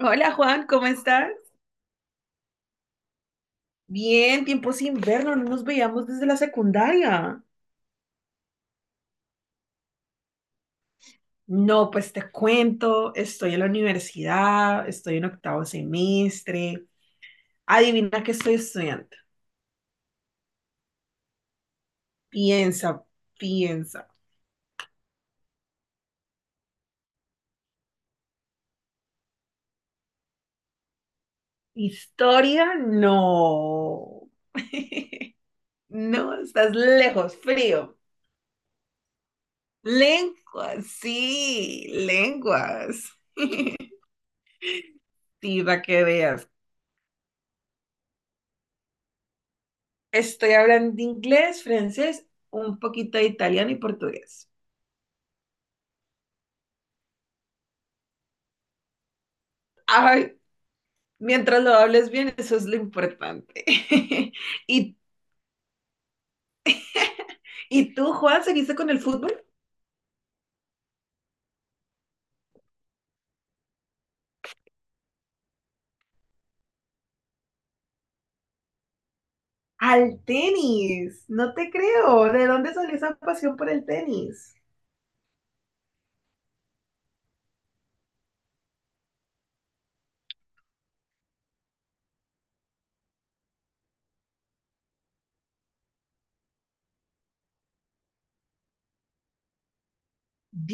Hola Juan, ¿cómo estás? Bien, tiempo sin vernos, no nos veíamos desde la secundaria. No, pues te cuento, estoy en la universidad, estoy en octavo semestre. Adivina qué estoy estudiando. Piensa, piensa. Historia, no. No, estás lejos, frío. Lenguas. Sí, va que veas. Estoy hablando de inglés, francés, un poquito de italiano y portugués. Ay, mientras lo hables bien, eso es lo importante. ¿Y, y tú, Juan, ¿seguiste con el fútbol? Al tenis, no te creo. ¿De dónde salió esa pasión por el tenis?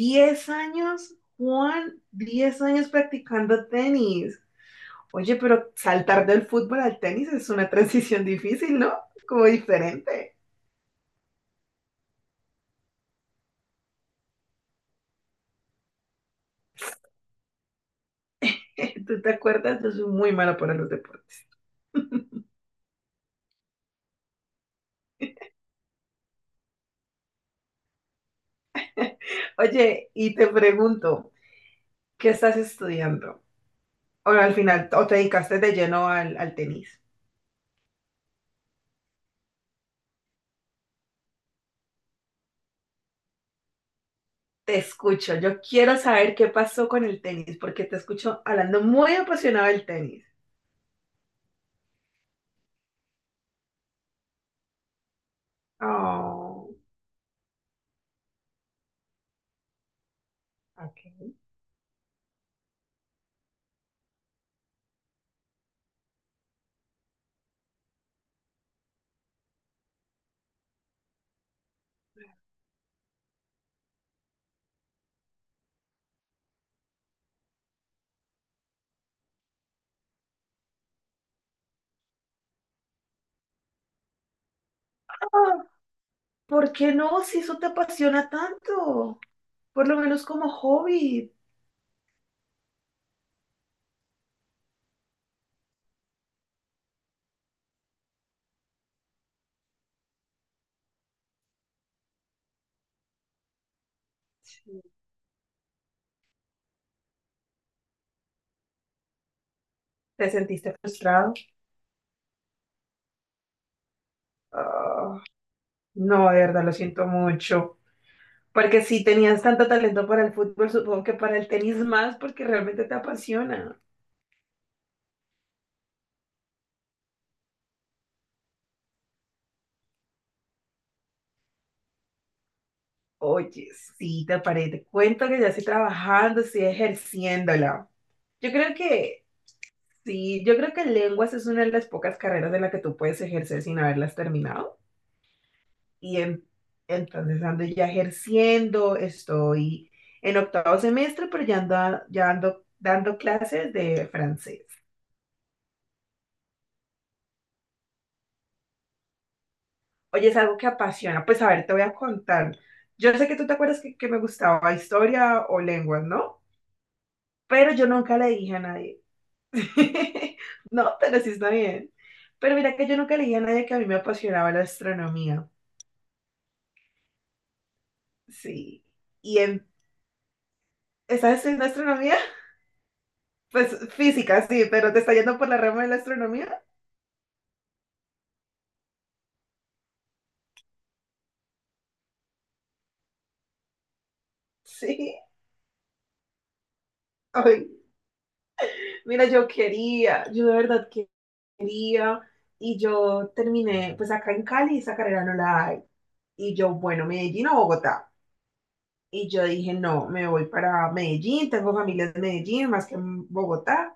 10 años, Juan, 10 años practicando tenis. Oye, pero saltar del fútbol al tenis es una transición difícil, ¿no? Como diferente. Tú te acuerdas, yo soy muy mala para los deportes. Oye, y te pregunto, ¿qué estás estudiando? O al final, o te dedicaste de lleno al tenis. Te escucho, yo quiero saber qué pasó con el tenis, porque te escucho hablando muy apasionado del tenis. Oh. Ok. Ah, ¿por qué no? Si eso te apasiona tanto, por lo menos como hobby. Sí. ¿Te sentiste frustrado? Ah, no, de verdad, lo siento mucho. Porque si tenías tanto talento para el fútbol, supongo que para el tenis más, porque realmente te apasiona. Oye, sí, te paré, te cuento que ya estoy trabajando, estoy ejerciéndola. Yo creo que, sí, yo creo que lenguas es una de las pocas carreras de la que tú puedes ejercer sin haberlas terminado. Y en- entonces ando ya ejerciendo, estoy en octavo semestre, pero ya ando dando clases de francés. Oye, es algo que apasiona. Pues a ver, te voy a contar. Yo sé que tú te acuerdas que me gustaba historia o lenguas, ¿no? Pero yo nunca le dije a nadie. No, pero sí está bien. Pero mira que yo nunca le dije a nadie que a mí me apasionaba la astronomía. Sí. ¿Y en, estás estudiando astronomía? Pues física, sí, pero te está yendo por la rama de la astronomía. Sí. Ay, mira, yo quería, yo de verdad quería. Y yo terminé, pues acá en Cali esa carrera no la hay. Y yo, bueno, Medellín o Bogotá. Y yo dije, no, me voy para Medellín, tengo familia en Medellín, más que en Bogotá,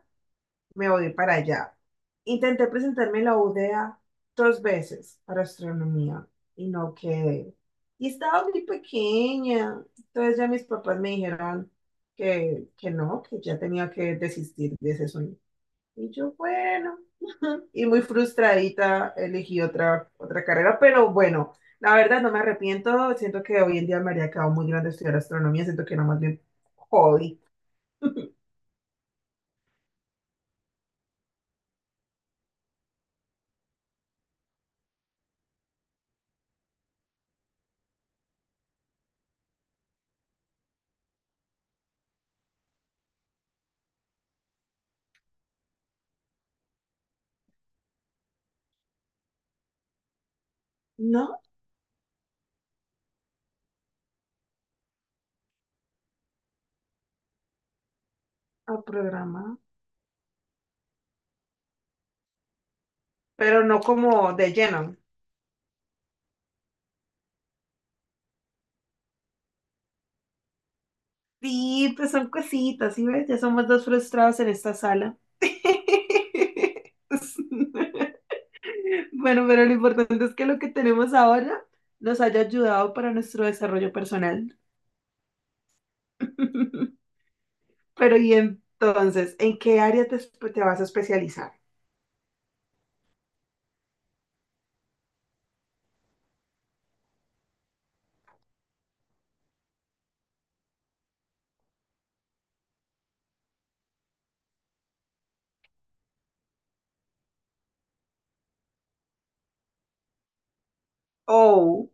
me voy para allá. Intenté presentarme en la UdeA dos veces para astronomía y no quedé. Y estaba muy pequeña. Entonces ya mis papás me dijeron que no, que ya tenía que desistir de ese sueño. Y yo, bueno, y muy frustradita elegí otra carrera, pero bueno, la verdad no me arrepiento. Siento que hoy en día me habría quedado muy grande estudiar astronomía. Siento que era más bien hobby, no a programa, pero no como de lleno. Sí, pues son cositas, ¿sí ves? Ya somos dos frustrados en esta sala. Bueno, pero lo importante es que lo que tenemos ahora nos haya ayudado para nuestro desarrollo personal. Pero y entonces, ¿en qué área te vas a especializar? Oh.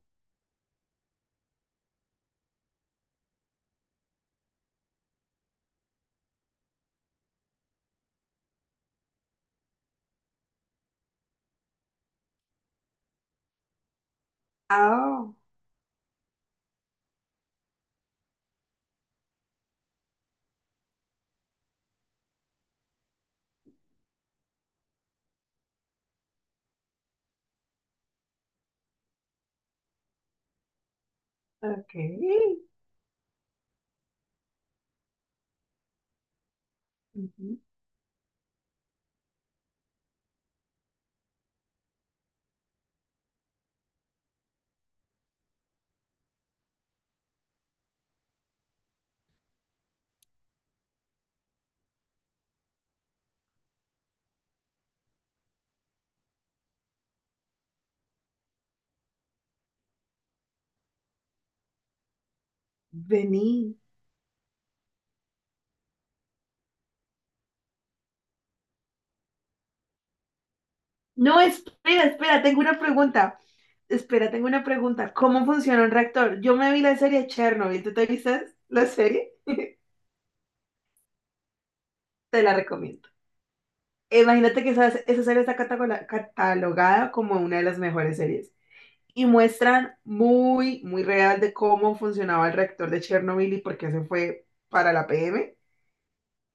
Ah, ok. Ujú. Vení. No, espera, espera, tengo una pregunta. Espera, tengo una pregunta. ¿Cómo funciona un reactor? Yo me vi la serie Chernobyl. ¿Tú te viste la serie? Te la recomiendo. Imagínate que esa serie está catalogada como una de las mejores series. Y muestran muy, muy real de cómo funcionaba el reactor de Chernobyl y por qué se fue para la PM.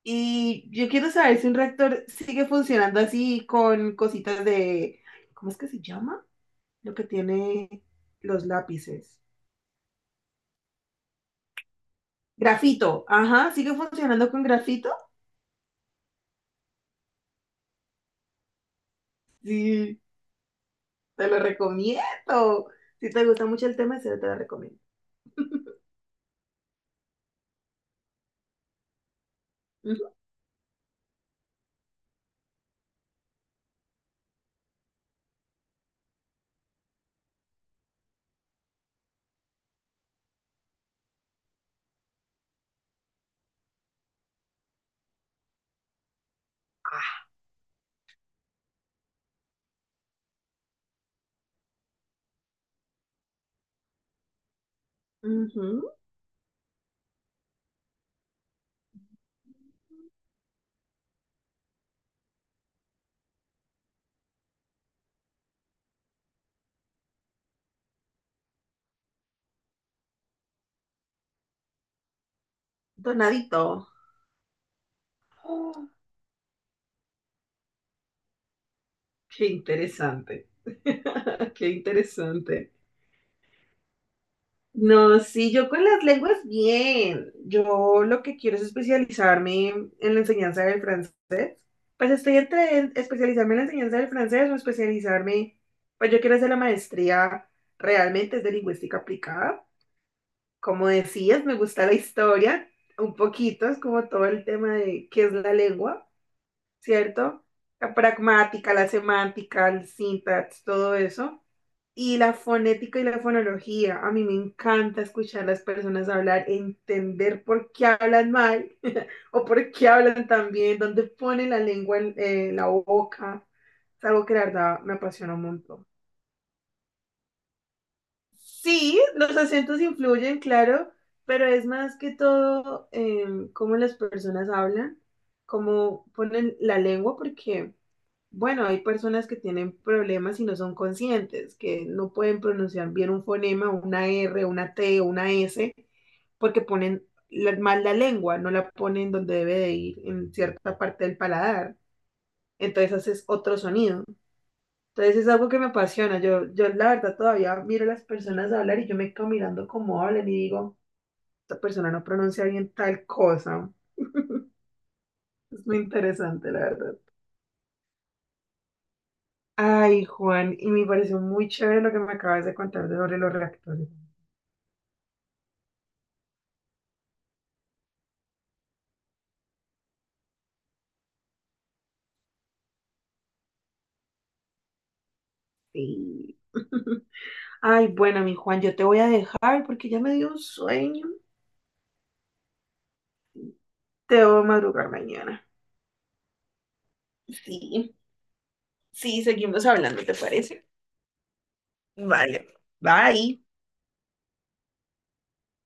Y yo quiero saber si un reactor sigue funcionando así con cositas de... ¿Cómo es que se llama? Lo que tiene los lápices. Grafito. Ajá, sigue funcionando con grafito. Sí, te lo recomiendo. Si te gusta mucho el tema, sí, te lo recomiendo. Ujú. Ah, ujú. Donadito. Oh, qué interesante. Qué interesante. No, sí, yo con las lenguas bien. Yo lo que quiero es especializarme en la enseñanza del francés. Pues estoy entre especializarme en la enseñanza del francés o especializarme, pues yo quiero hacer la maestría, realmente es de lingüística aplicada. Como decías, me gusta la historia un poquito, es como todo el tema de qué es la lengua, ¿cierto? La pragmática, la semántica, el syntax, todo eso. Y la fonética y la fonología. A mí me encanta escuchar a las personas hablar, entender por qué hablan mal o por qué hablan tan bien, dónde ponen la lengua en la boca. Es algo que la verdad me apasiona un montón. Sí, los acentos influyen, claro, pero es más que todo cómo las personas hablan, cómo ponen la lengua, porque, bueno, hay personas que tienen problemas y no son conscientes, que no pueden pronunciar bien un fonema, una R, una T, una S, porque ponen mal la lengua, no la ponen donde debe de ir, en cierta parte del paladar. Entonces haces otro sonido. Entonces es algo que me apasiona. Yo la verdad todavía miro a las personas hablar y yo me quedo mirando cómo hablan y digo, esta persona no pronuncia bien tal cosa. Es muy interesante, la verdad. Ay, Juan, y me pareció muy chévere lo que me acabas de contar de sobre los reactores. Sí. Ay, bueno, mi Juan, yo te voy a dejar porque ya me dio un sueño. Te voy a madrugar mañana. Sí, sí, seguimos hablando, ¿te parece? Vale, bye.